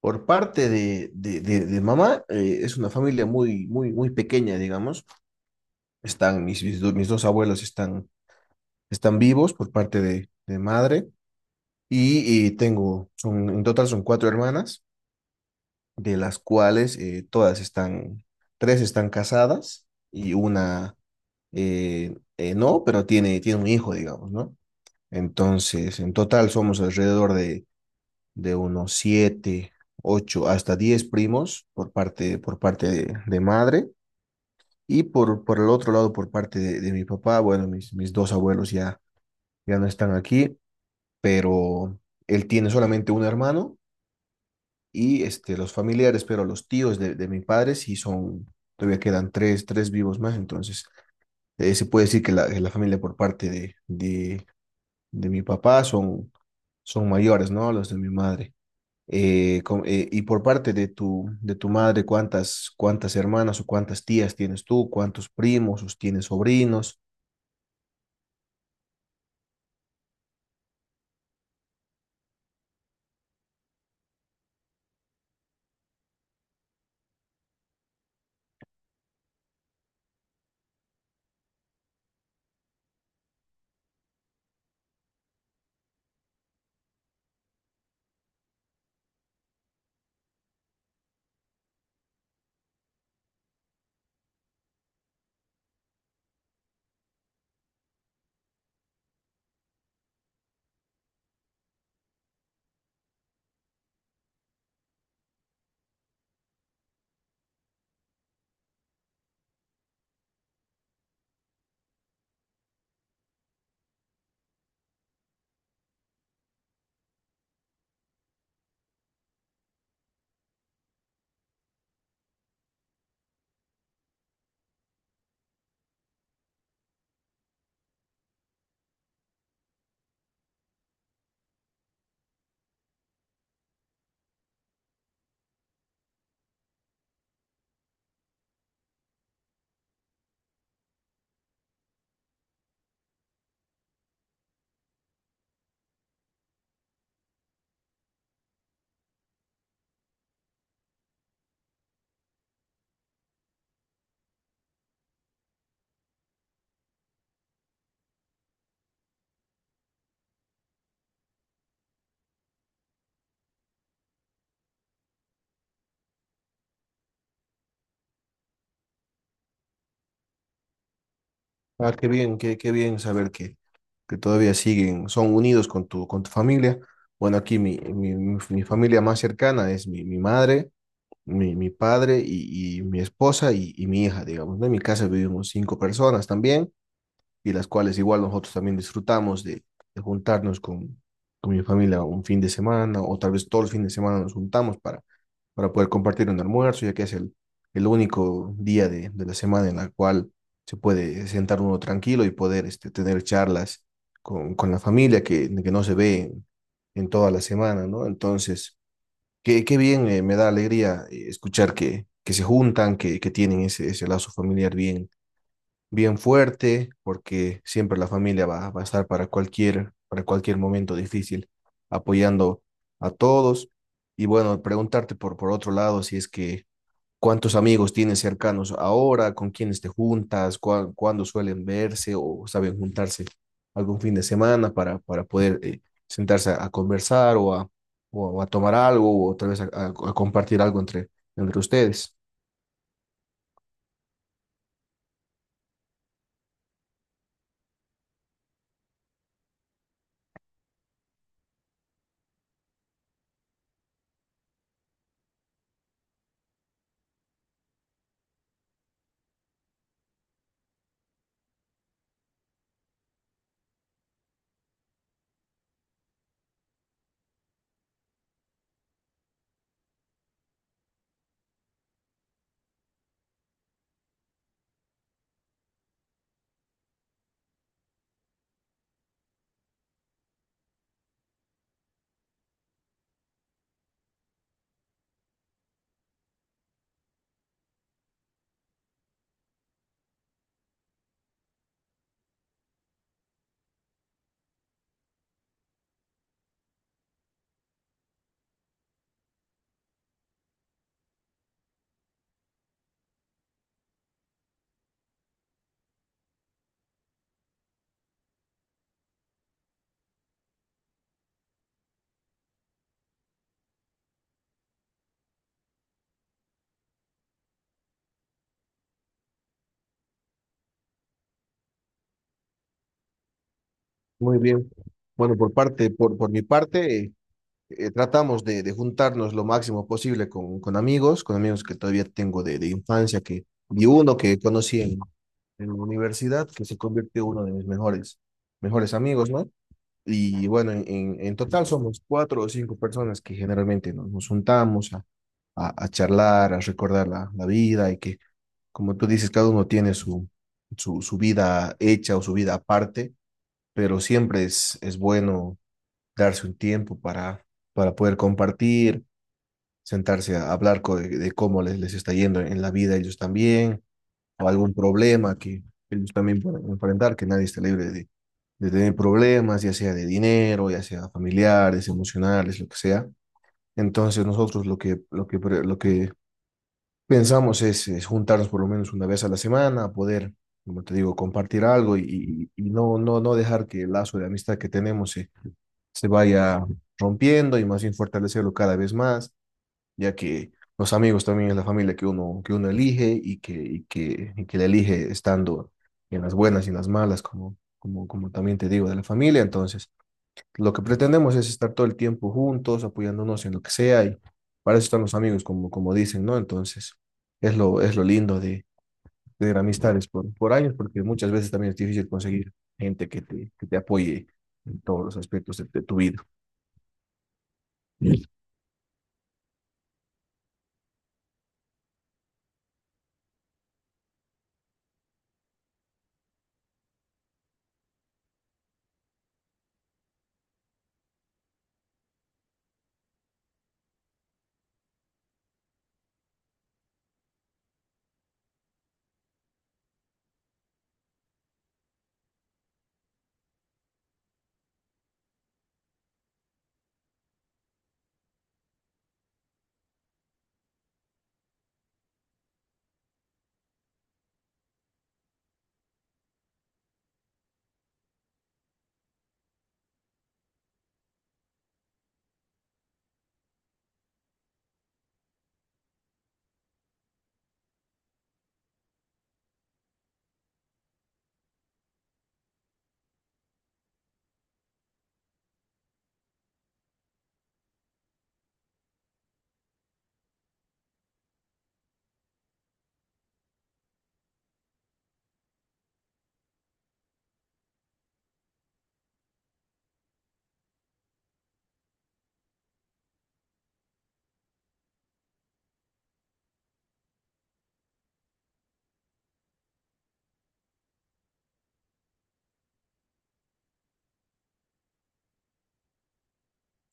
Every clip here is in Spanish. Por parte de mamá, es una familia muy, muy, muy pequeña, digamos. Están mis dos abuelos están vivos por parte de madre. En total son cuatro hermanas, de las cuales tres están casadas y una no, pero tiene un hijo, digamos, ¿no? Entonces, en total somos alrededor de unos siete, ocho, hasta 10 primos por parte de madre. Y por el otro lado, por parte de mi papá, bueno, mis dos abuelos ya no están aquí, pero él tiene solamente un hermano y este, los familiares, pero los tíos de mi padre sí son, todavía quedan tres vivos más, entonces se puede decir que la familia por parte de de mi papá son mayores, ¿no? Los de mi madre. Y por parte de tu madre, ¿cuántas hermanas o cuántas tías tienes tú? ¿Cuántos primos o tienes sobrinos? Ah, qué bien, qué bien saber que todavía siguen, son unidos con tu familia. Bueno, aquí mi familia más cercana es mi madre, mi padre y mi esposa y mi hija, digamos, ¿no? En mi casa vivimos cinco personas también, y las cuales igual nosotros también disfrutamos de juntarnos con mi familia un fin de semana o tal vez todo el fin de semana nos juntamos para poder compartir un almuerzo, ya que es el único día de la semana en la cual se puede sentar uno tranquilo y poder tener charlas con la familia que no se ve en toda la semana, ¿no? Entonces, qué bien, me da alegría escuchar que se juntan, que tienen ese lazo familiar bien, bien fuerte, porque siempre la familia va a estar para cualquier momento difícil, apoyando a todos. Y bueno, preguntarte por otro lado, si es que cuántos amigos tienes cercanos ahora, con quiénes te juntas, cuándo suelen verse o saben juntarse algún fin de semana para poder sentarse a conversar o a tomar algo o otra vez a compartir algo entre ustedes. Muy bien. Bueno, por mi parte, tratamos de juntarnos lo máximo posible con amigos, con amigos que todavía tengo de infancia, que y uno que conocí en la universidad, que se convirtió en uno de mis mejores amigos, ¿no? Y bueno, en total somos cuatro o cinco personas que generalmente nos juntamos a charlar, a recordar la vida y que, como tú dices, cada uno tiene su vida hecha o su vida aparte, pero siempre es bueno darse un tiempo para poder compartir, sentarse a hablar de cómo les está yendo en la vida ellos también, o algún problema que ellos también pueden enfrentar, que nadie esté libre de tener problemas, ya sea de dinero, ya sea familiares, emocionales, lo que sea. Entonces nosotros lo que pensamos es juntarnos por lo menos una vez a la semana, poder, como te digo, compartir algo y no dejar que el lazo de amistad que tenemos se vaya rompiendo y más bien fortalecerlo cada vez más, ya que los amigos también es la familia que uno elige y que la elige estando en las buenas y en las malas, como también te digo, de la familia. Entonces, lo que pretendemos es estar todo el tiempo juntos, apoyándonos en lo que sea, y para eso están los amigos, como dicen, ¿no? Entonces, es lo lindo de amistades por años, porque muchas veces también es difícil conseguir gente que te apoye en todos los aspectos de tu vida.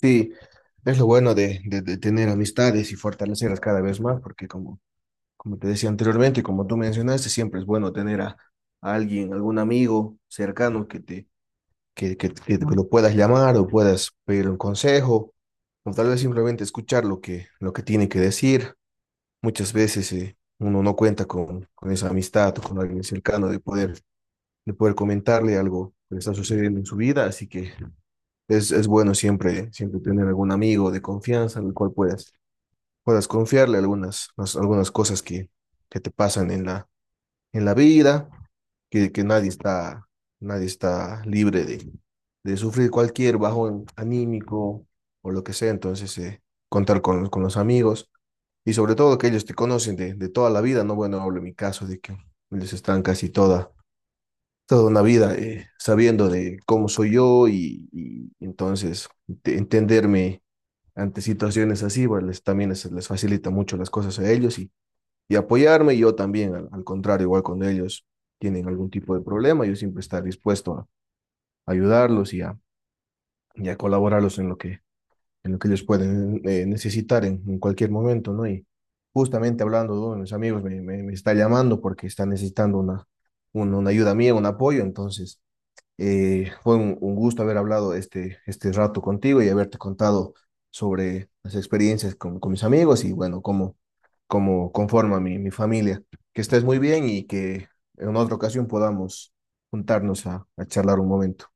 Sí, es lo bueno de tener amistades y fortalecerlas cada vez más, porque como te decía anteriormente y como tú mencionaste, siempre es bueno tener a alguien, algún amigo cercano que te, que te- que lo puedas llamar o puedas pedir un consejo, o tal vez simplemente escuchar lo que tiene que decir. Muchas veces uno no cuenta con esa amistad o con alguien cercano de poder comentarle algo que le está sucediendo en su vida, así que es bueno siempre, siempre tener algún amigo de confianza al cual puedas confiarle algunas cosas que te pasan en la vida, que nadie está libre de sufrir cualquier bajón anímico o lo que sea. Entonces, contar con los amigos, y sobre todo que ellos te conocen de toda la vida, ¿no? Bueno, hablo en mi caso de que ellos están casi toda una vida sabiendo de cómo soy yo, y entonces entenderme ante situaciones así, bueno, también les facilita mucho las cosas a ellos y apoyarme, y yo también, al contrario, igual cuando ellos tienen algún tipo de problema, yo siempre estar dispuesto a ayudarlos y a colaborarlos en lo que ellos pueden necesitar en cualquier momento, ¿no? Y justamente hablando de uno de mis amigos, me está llamando porque está necesitando una ayuda mía, un apoyo, entonces fue un gusto haber hablado este rato contigo y haberte contado sobre las experiencias con mis amigos, y bueno, cómo conforma mi familia. Que estés muy bien y que en otra ocasión podamos juntarnos a charlar un momento.